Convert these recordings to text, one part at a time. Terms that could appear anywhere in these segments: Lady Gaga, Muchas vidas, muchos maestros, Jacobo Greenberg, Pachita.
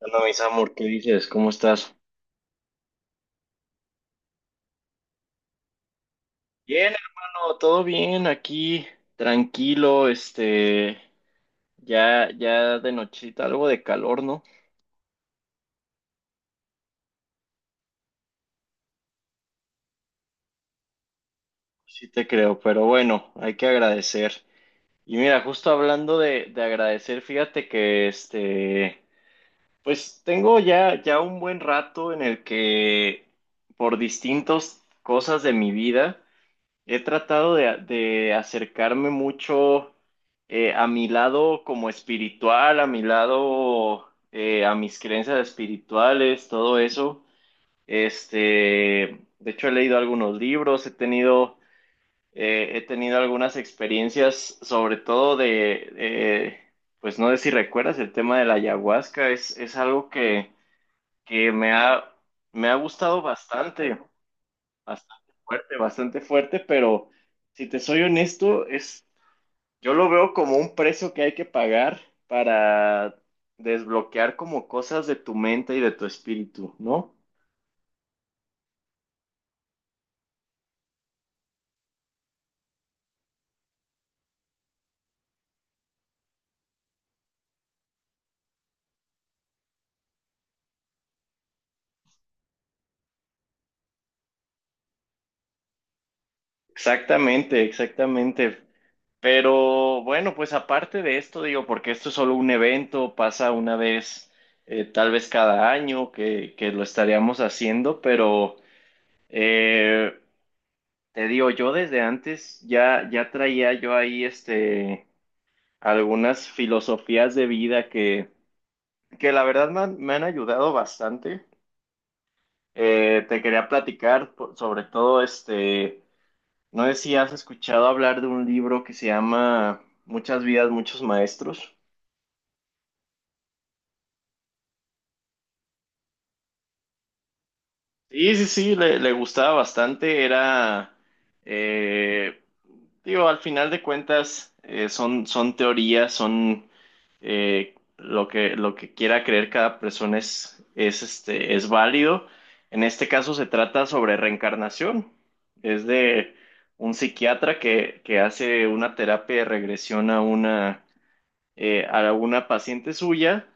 Hola, mis amor, ¿qué dices? ¿Cómo estás? Bien, hermano, todo bien aquí, tranquilo, ya de nochita, algo de calor, ¿no? Sí te creo, pero bueno, hay que agradecer. Y mira, justo hablando de agradecer, fíjate que pues tengo ya un buen rato en el que por distintas cosas de mi vida. He tratado de acercarme mucho a mi lado como espiritual, a mi lado, a mis creencias espirituales, todo eso. Este, de hecho, he leído algunos libros, he tenido algunas experiencias, sobre todo de, pues no sé si recuerdas, el tema de la ayahuasca es algo que, que me ha, me ha gustado bastante. Bastante fuerte, pero si te soy honesto, yo lo veo como un precio que hay que pagar para desbloquear como cosas de tu mente y de tu espíritu, ¿no? Exactamente, exactamente. Pero bueno, pues aparte de esto, digo, porque esto es solo un evento, pasa una vez, tal vez cada año que lo estaríamos haciendo, pero eh, te digo, yo desde antes ya traía yo ahí este algunas filosofías de vida que la verdad me han ayudado bastante. Te quería platicar sobre todo este, no sé si has escuchado hablar de un libro que se llama Muchas vidas, muchos maestros. Sí, sí, sí, le gustaba bastante. Eh, digo, al final de cuentas, son teorías, son lo que quiera creer cada persona es válido. En este caso se trata sobre reencarnación. Es de un psiquiatra que hace una terapia de regresión a una paciente suya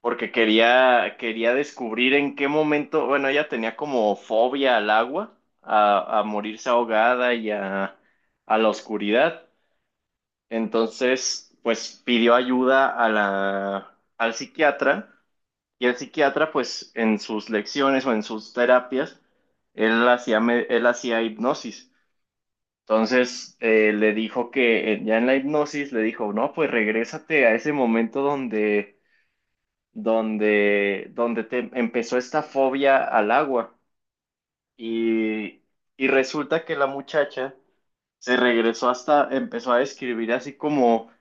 porque quería, quería descubrir en qué momento, bueno, ella tenía como fobia al agua, a morirse ahogada a la oscuridad. Entonces, pues pidió ayuda a al psiquiatra y el psiquiatra, pues en sus lecciones o en sus terapias, él hacía hipnosis. Entonces, le dijo que ya en la hipnosis le dijo, no, pues regrésate a ese momento donde te empezó esta fobia al agua. Y, y resulta que la muchacha se regresó hasta, empezó a describir así como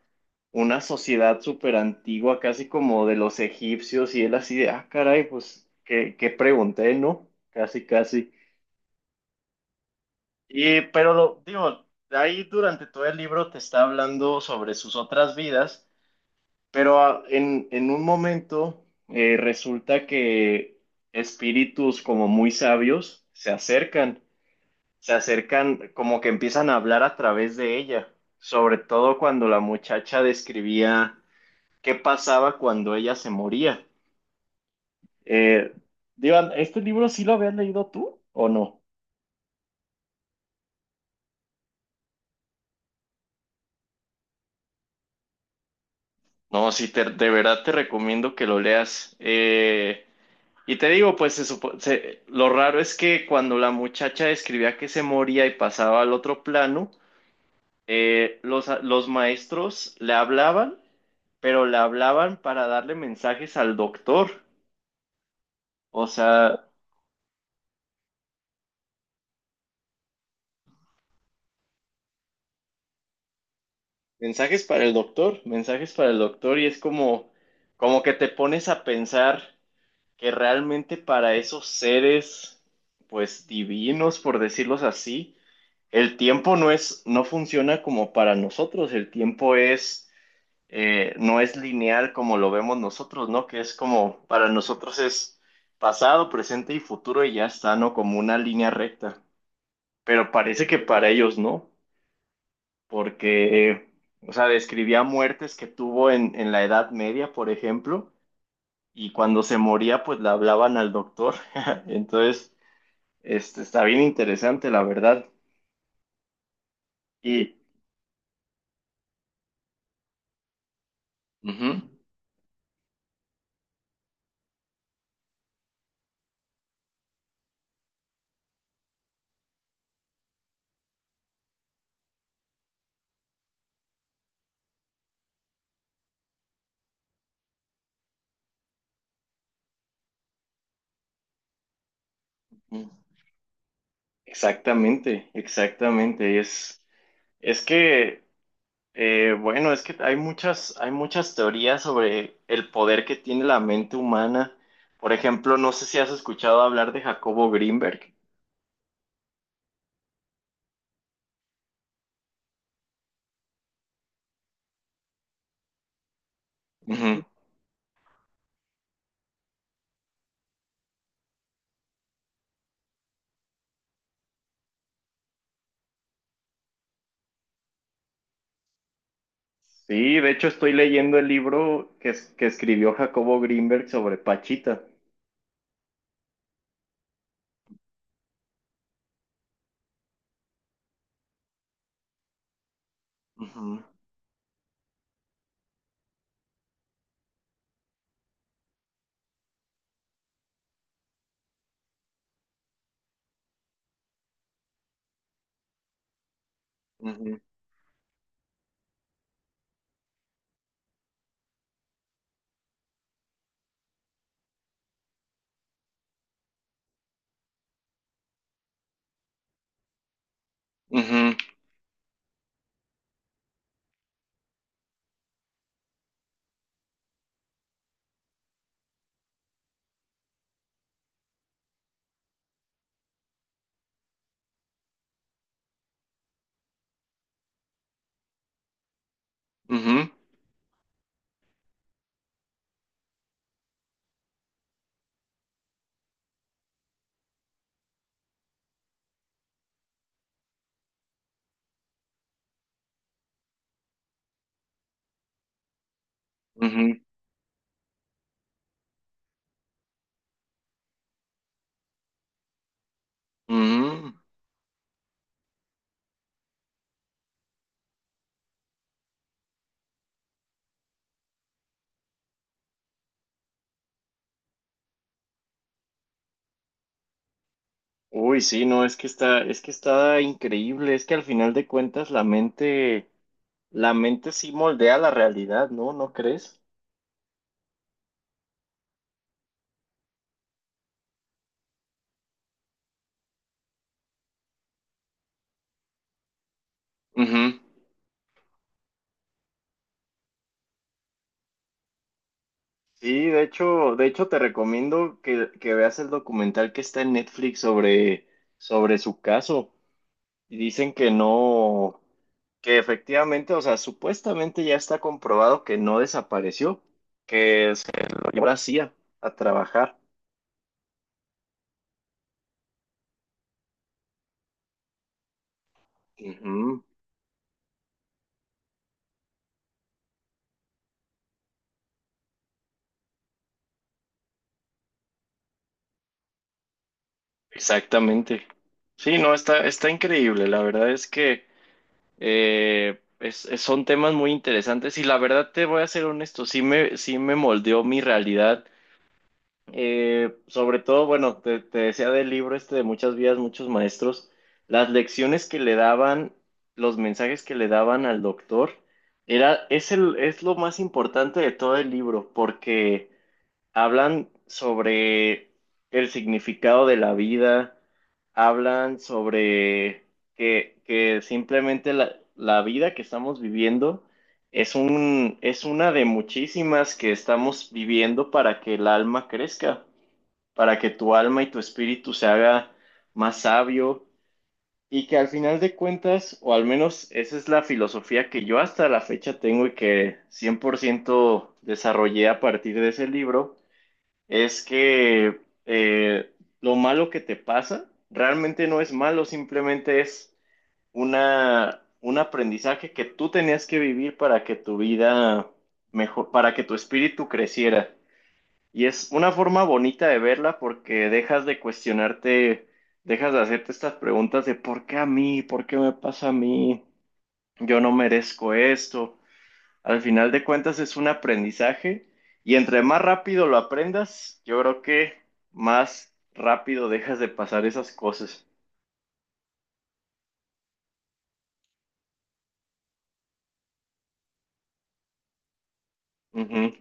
una sociedad súper antigua, casi como de los egipcios, y él así de, ah, caray, pues, ¿qué, qué pregunté, no? Casi, casi. Pero lo, digo, ahí durante todo el libro te está hablando sobre sus otras vidas. Pero ah, en un momento resulta que espíritus como muy sabios se acercan como que empiezan a hablar a través de ella, sobre todo cuando la muchacha describía qué pasaba cuando ella se moría. Eh, Divan, ¿este libro sí lo habías leído tú o no? No, sí, de verdad te recomiendo que lo leas. Y te digo, pues lo raro es que cuando la muchacha describía que se moría y pasaba al otro plano, los maestros le hablaban, pero le hablaban para darle mensajes al doctor. O sea, mensajes para el doctor, mensajes para el doctor, y es como, como que te pones a pensar que realmente para esos seres, pues divinos, por decirlos así, el tiempo no es, no funciona como para nosotros, el tiempo es no es lineal como lo vemos nosotros, ¿no? Que es como, para nosotros es pasado, presente y futuro y ya está, ¿no? Como una línea recta. Pero parece que para ellos no, porque, o sea, describía muertes que tuvo en la Edad Media, por ejemplo, y cuando se moría, pues le hablaban al doctor. Entonces, este, está bien interesante, la verdad. Y, ujú, exactamente, exactamente, es que... bueno, es que hay muchas teorías sobre el poder que tiene la mente humana. Por ejemplo, no sé si has escuchado hablar de Jacobo Greenberg. Ujú. Sí, de hecho estoy leyendo el libro que escribió Jacobo Greenberg sobre Pachita. Ujú, ujú, ujú, ujú, ujú, ujú. Uy, sí, no, es que está increíble. Es que al final de cuentas la mente sí moldea la realidad, ¿no? ¿No crees? Ujú. Sí, de hecho te recomiendo que veas el documental que está en Netflix sobre, sobre su caso. Y dicen que no, que efectivamente, o sea, supuestamente ya está comprobado que no desapareció, que se lo llevó a la CIA a trabajar. Ujú, exactamente. Sí, no, está, está increíble. La verdad es que son temas muy interesantes y la verdad te voy a ser honesto, sí me moldeó mi realidad. Sobre todo, bueno, te decía del libro este de muchas vidas, muchos maestros, las lecciones que le daban, los mensajes que le daban al doctor, es lo más importante de todo el libro, porque hablan sobre el significado de la vida, hablan sobre que simplemente la vida que estamos viviendo es una de muchísimas que estamos viviendo para que el alma crezca, para que tu alma y tu espíritu se haga más sabio. Y que al final de cuentas, o al menos esa es la filosofía que yo hasta la fecha tengo y que 100% desarrollé a partir de ese libro, es que lo malo que te pasa realmente no es malo, simplemente es un aprendizaje que tú tenías que vivir para que tu vida mejor, para que tu espíritu creciera. Y es una forma bonita de verla porque dejas de cuestionarte, dejas de hacerte estas preguntas de ¿por qué a mí? ¿Por qué me pasa a mí? Yo no merezco esto. Al final de cuentas es un aprendizaje, y entre más rápido lo aprendas, yo creo que más rápido dejas de pasar esas cosas. Ujú,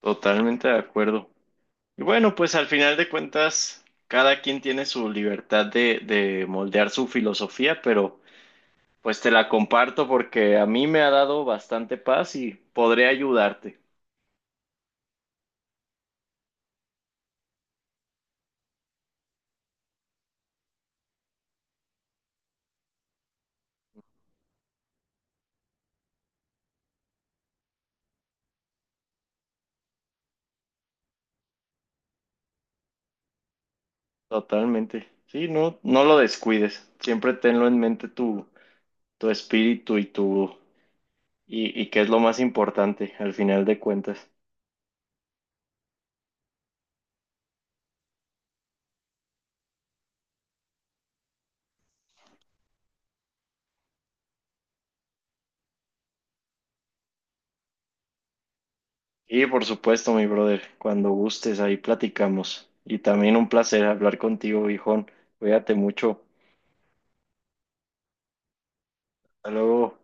totalmente de acuerdo. Y bueno, pues al final de cuentas, cada quien tiene su libertad de moldear su filosofía, pero... Pues te la comparto porque a mí me ha dado bastante paz y podré ayudarte. Totalmente. Sí, no, no lo descuides. Siempre tenlo en mente tu, tu espíritu y tu y qué es lo más importante al final de cuentas. Y por supuesto, mi brother, cuando gustes, ahí platicamos. Y también un placer hablar contigo, viejón. Cuídate mucho. Hasta luego.